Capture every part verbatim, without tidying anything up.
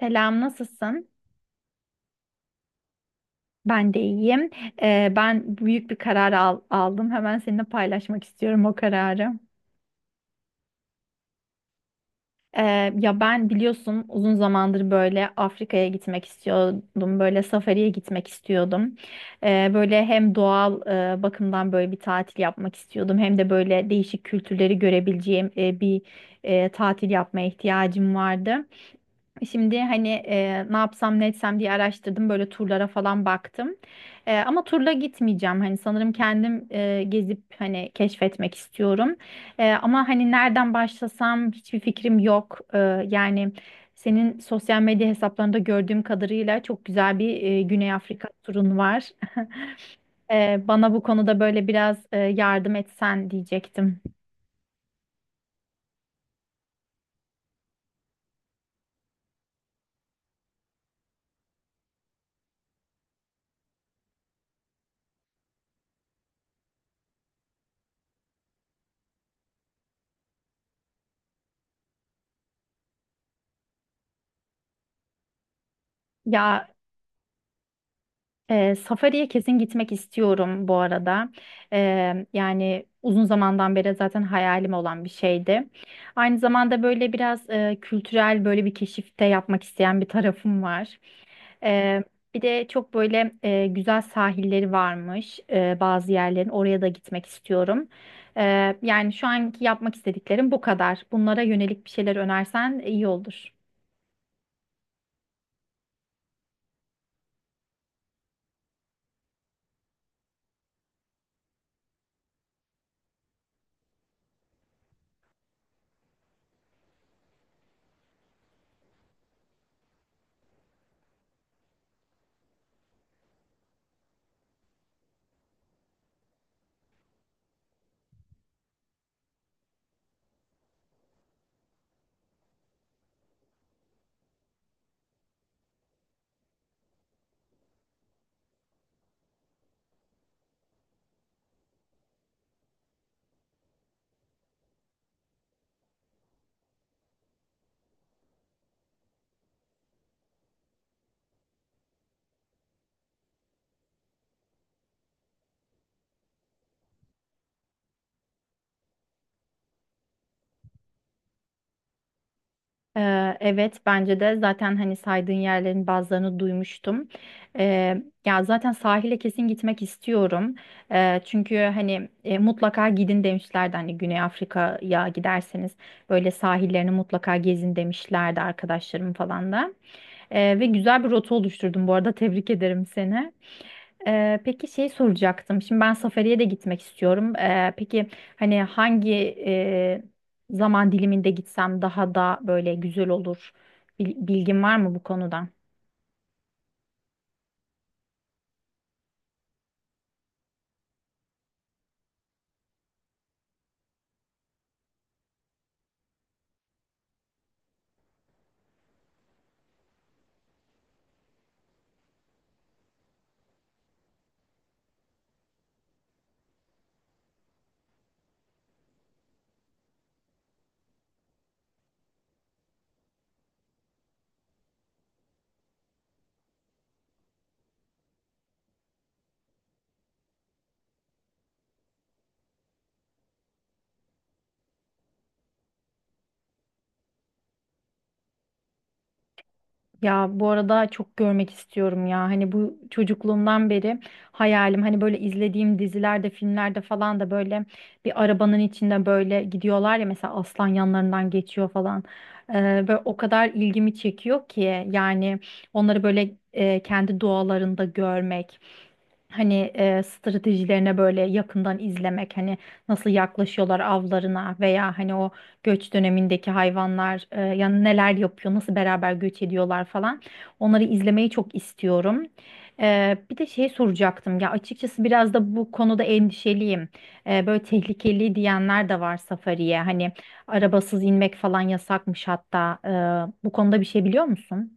Selam, nasılsın? Ben de iyiyim. Ee, ben büyük bir karar al- aldım. Hemen seninle paylaşmak istiyorum o kararı. Ee, Ya, ben biliyorsun uzun zamandır böyle Afrika'ya gitmek istiyordum. Böyle safariye gitmek istiyordum. Ee, böyle hem doğal e, bakımdan böyle bir tatil yapmak istiyordum. Hem de böyle değişik kültürleri görebileceğim e, bir e, tatil yapmaya ihtiyacım vardı. Şimdi hani e, ne yapsam ne etsem diye araştırdım, böyle turlara falan baktım. E, ama turla gitmeyeceğim. Hani sanırım kendim e, gezip hani keşfetmek istiyorum. E, ama hani nereden başlasam hiçbir fikrim yok. E, yani senin sosyal medya hesaplarında gördüğüm kadarıyla çok güzel bir e, Güney Afrika turun var. E, bana bu konuda böyle biraz e, yardım etsen diyecektim. Ya Ee, Safari'ye kesin gitmek istiyorum bu arada. Ee, yani uzun zamandan beri zaten hayalim olan bir şeydi. Aynı zamanda böyle biraz e, kültürel böyle bir keşifte yapmak isteyen bir tarafım var. Ee, Bir de çok böyle e, güzel sahilleri varmış e, bazı yerlerin. Oraya da gitmek istiyorum. Ee, yani şu anki yapmak istediklerim bu kadar. Bunlara yönelik bir şeyler önersen iyi olur. Ee, Evet, bence de zaten hani saydığın yerlerin bazılarını duymuştum. Ee, ya zaten sahile kesin gitmek istiyorum. Ee, çünkü hani e, mutlaka gidin demişlerdi, hani Güney Afrika'ya giderseniz böyle sahillerini mutlaka gezin demişlerdi arkadaşlarım falan da. Ee, ve güzel bir rota oluşturdum bu arada, tebrik ederim seni. Ee, peki şey soracaktım. Şimdi ben Safari'ye de gitmek istiyorum. Ee, peki hani hangi e, zaman diliminde gitsem daha da böyle güzel olur? Bil- Bilgin var mı bu konuda? Ya, bu arada çok görmek istiyorum ya. Hani bu çocukluğumdan beri hayalim, hani böyle izlediğim dizilerde, filmlerde falan da böyle bir arabanın içinde böyle gidiyorlar ya, mesela aslan yanlarından geçiyor falan. Ee, Böyle o kadar ilgimi çekiyor ki yani onları böyle e, kendi doğalarında görmek. Hani e, stratejilerine böyle yakından izlemek, hani nasıl yaklaşıyorlar avlarına, veya hani o göç dönemindeki hayvanlar e, yani neler yapıyor, nasıl beraber göç ediyorlar falan. Onları izlemeyi çok istiyorum. E, bir de şey soracaktım ya, açıkçası biraz da bu konuda endişeliyim. E, böyle tehlikeli diyenler de var safariye. Hani arabasız inmek falan yasakmış hatta. E, bu konuda bir şey biliyor musun?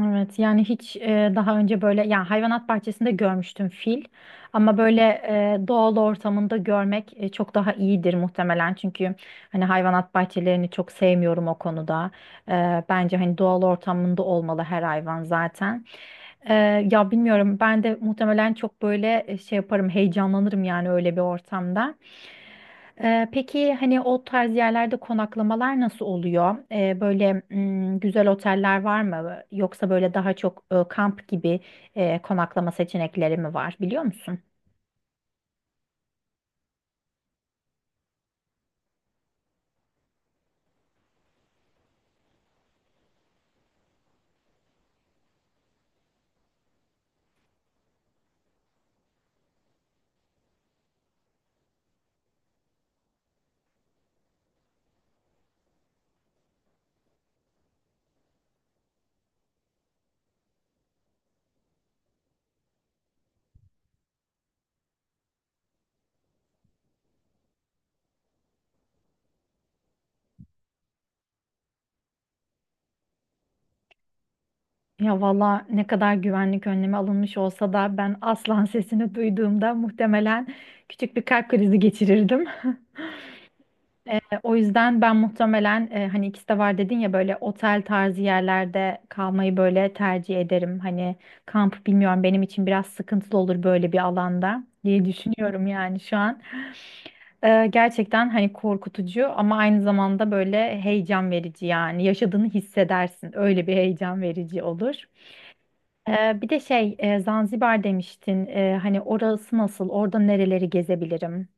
Evet, yani hiç e, daha önce böyle yani hayvanat bahçesinde görmüştüm fil, ama böyle e, doğal ortamında görmek e, çok daha iyidir muhtemelen, çünkü hani hayvanat bahçelerini çok sevmiyorum o konuda. E, bence hani doğal ortamında olmalı her hayvan zaten. E, Ya, bilmiyorum, ben de muhtemelen çok böyle e, şey yaparım, heyecanlanırım yani öyle bir ortamda. Ee, peki hani o tarz yerlerde konaklamalar nasıl oluyor? Ee, böyle mm, güzel oteller var mı? Yoksa böyle daha çok e, kamp gibi e, konaklama seçenekleri mi var, biliyor musun? Ya valla, ne kadar güvenlik önlemi alınmış olsa da ben aslan sesini duyduğumda muhtemelen küçük bir kalp krizi geçirirdim. O yüzden ben muhtemelen e, hani ikisi de var dedin ya, böyle otel tarzı yerlerde kalmayı böyle tercih ederim. Hani kamp bilmiyorum, benim için biraz sıkıntılı olur böyle bir alanda diye düşünüyorum yani şu an. E, gerçekten hani korkutucu, ama aynı zamanda böyle heyecan verici yani, yaşadığını hissedersin. Öyle bir heyecan verici olur. E, bir de şey, e, Zanzibar demiştin. E, hani orası nasıl, orada nereleri gezebilirim?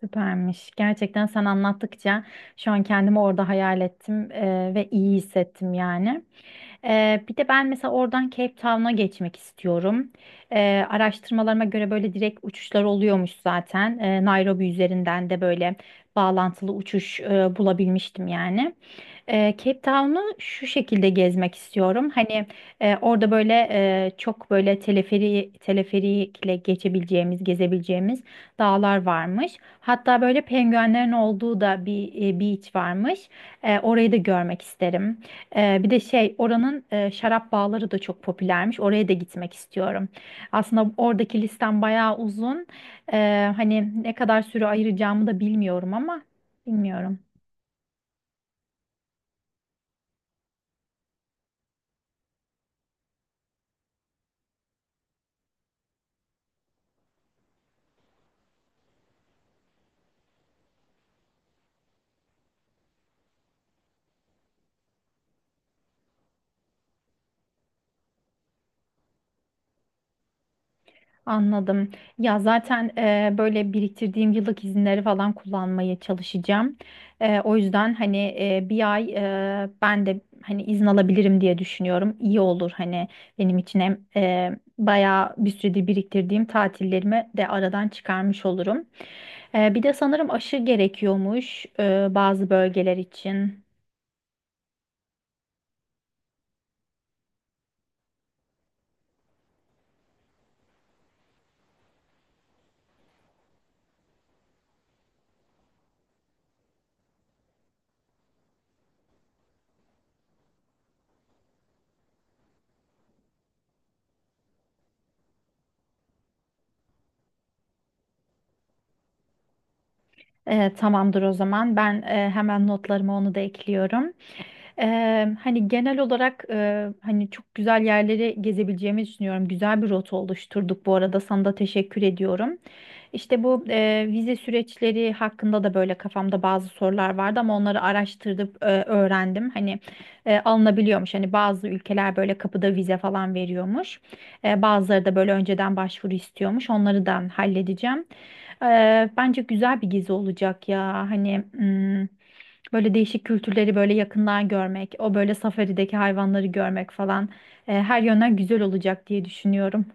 Süpermiş. Gerçekten sen anlattıkça şu an kendimi orada hayal ettim e, ve iyi hissettim yani. Ee, bir de ben mesela oradan Cape Town'a geçmek istiyorum. Ee, araştırmalarıma göre böyle direkt uçuşlar oluyormuş zaten. Ee, Nairobi üzerinden de böyle bağlantılı uçuş e, bulabilmiştim yani. Ee, Cape Town'u şu şekilde gezmek istiyorum. Hani e, orada böyle e, çok böyle teleferi teleferikle geçebileceğimiz, gezebileceğimiz dağlar varmış. Hatta böyle penguenlerin olduğu da bir e, beach varmış. E, orayı da görmek isterim. Ee, bir de şey, oranın e, şarap bağları da çok popülermiş. Oraya da gitmek istiyorum. Aslında oradaki listem bayağı uzun. Ee, hani ne kadar süre ayıracağımı da bilmiyorum, ama bilmiyorum. Anladım. Ya zaten e, böyle biriktirdiğim yıllık izinleri falan kullanmaya çalışacağım. E, o yüzden hani e, bir ay e, ben de hani izin alabilirim diye düşünüyorum. İyi olur hani benim için, hem e, bayağı bir süredir biriktirdiğim tatillerimi de aradan çıkarmış olurum. E, bir de sanırım aşı gerekiyormuş e, bazı bölgeler için. E, tamamdır o zaman. Ben e, hemen notlarıma onu da ekliyorum. Eee, hani genel olarak eee, hani çok güzel yerleri gezebileceğimi düşünüyorum. Güzel bir rota oluşturduk bu arada, sana da teşekkür ediyorum. İşte bu eee, vize süreçleri hakkında da böyle kafamda bazı sorular vardı, ama onları araştırdım, öğrendim. Hani eee, alınabiliyormuş. Hani bazı ülkeler böyle kapıda vize falan veriyormuş. Eee, bazıları da böyle önceden başvuru istiyormuş. Onları da halledeceğim. Eee, bence güzel bir gezi olacak ya. Hani. hmm, Böyle değişik kültürleri böyle yakından görmek, o böyle safarideki hayvanları görmek falan, e, her yönden güzel olacak diye düşünüyorum.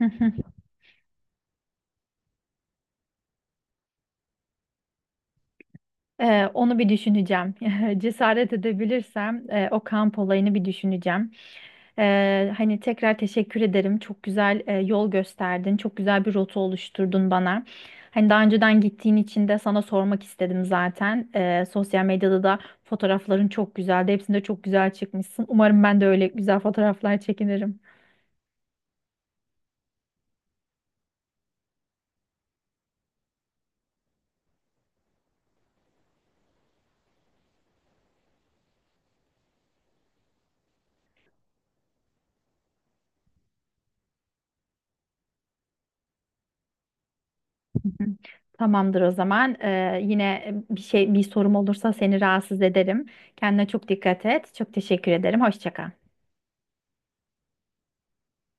E, onu bir düşüneceğim. Cesaret edebilirsem e, o kamp olayını bir düşüneceğim. E, hani tekrar teşekkür ederim. Çok güzel e, yol gösterdin. Çok güzel bir rota oluşturdun bana. Hani daha önceden gittiğin için de sana sormak istedim zaten. E, sosyal medyada da fotoğrafların çok güzeldi. Hepsinde çok güzel çıkmışsın. Umarım ben de öyle güzel fotoğraflar çekinirim. Hı hı. Tamamdır o zaman. Ee, yine e, bir şey bir sorum olursa seni rahatsız ederim. Kendine çok dikkat et. Çok teşekkür ederim. Hoşça kal.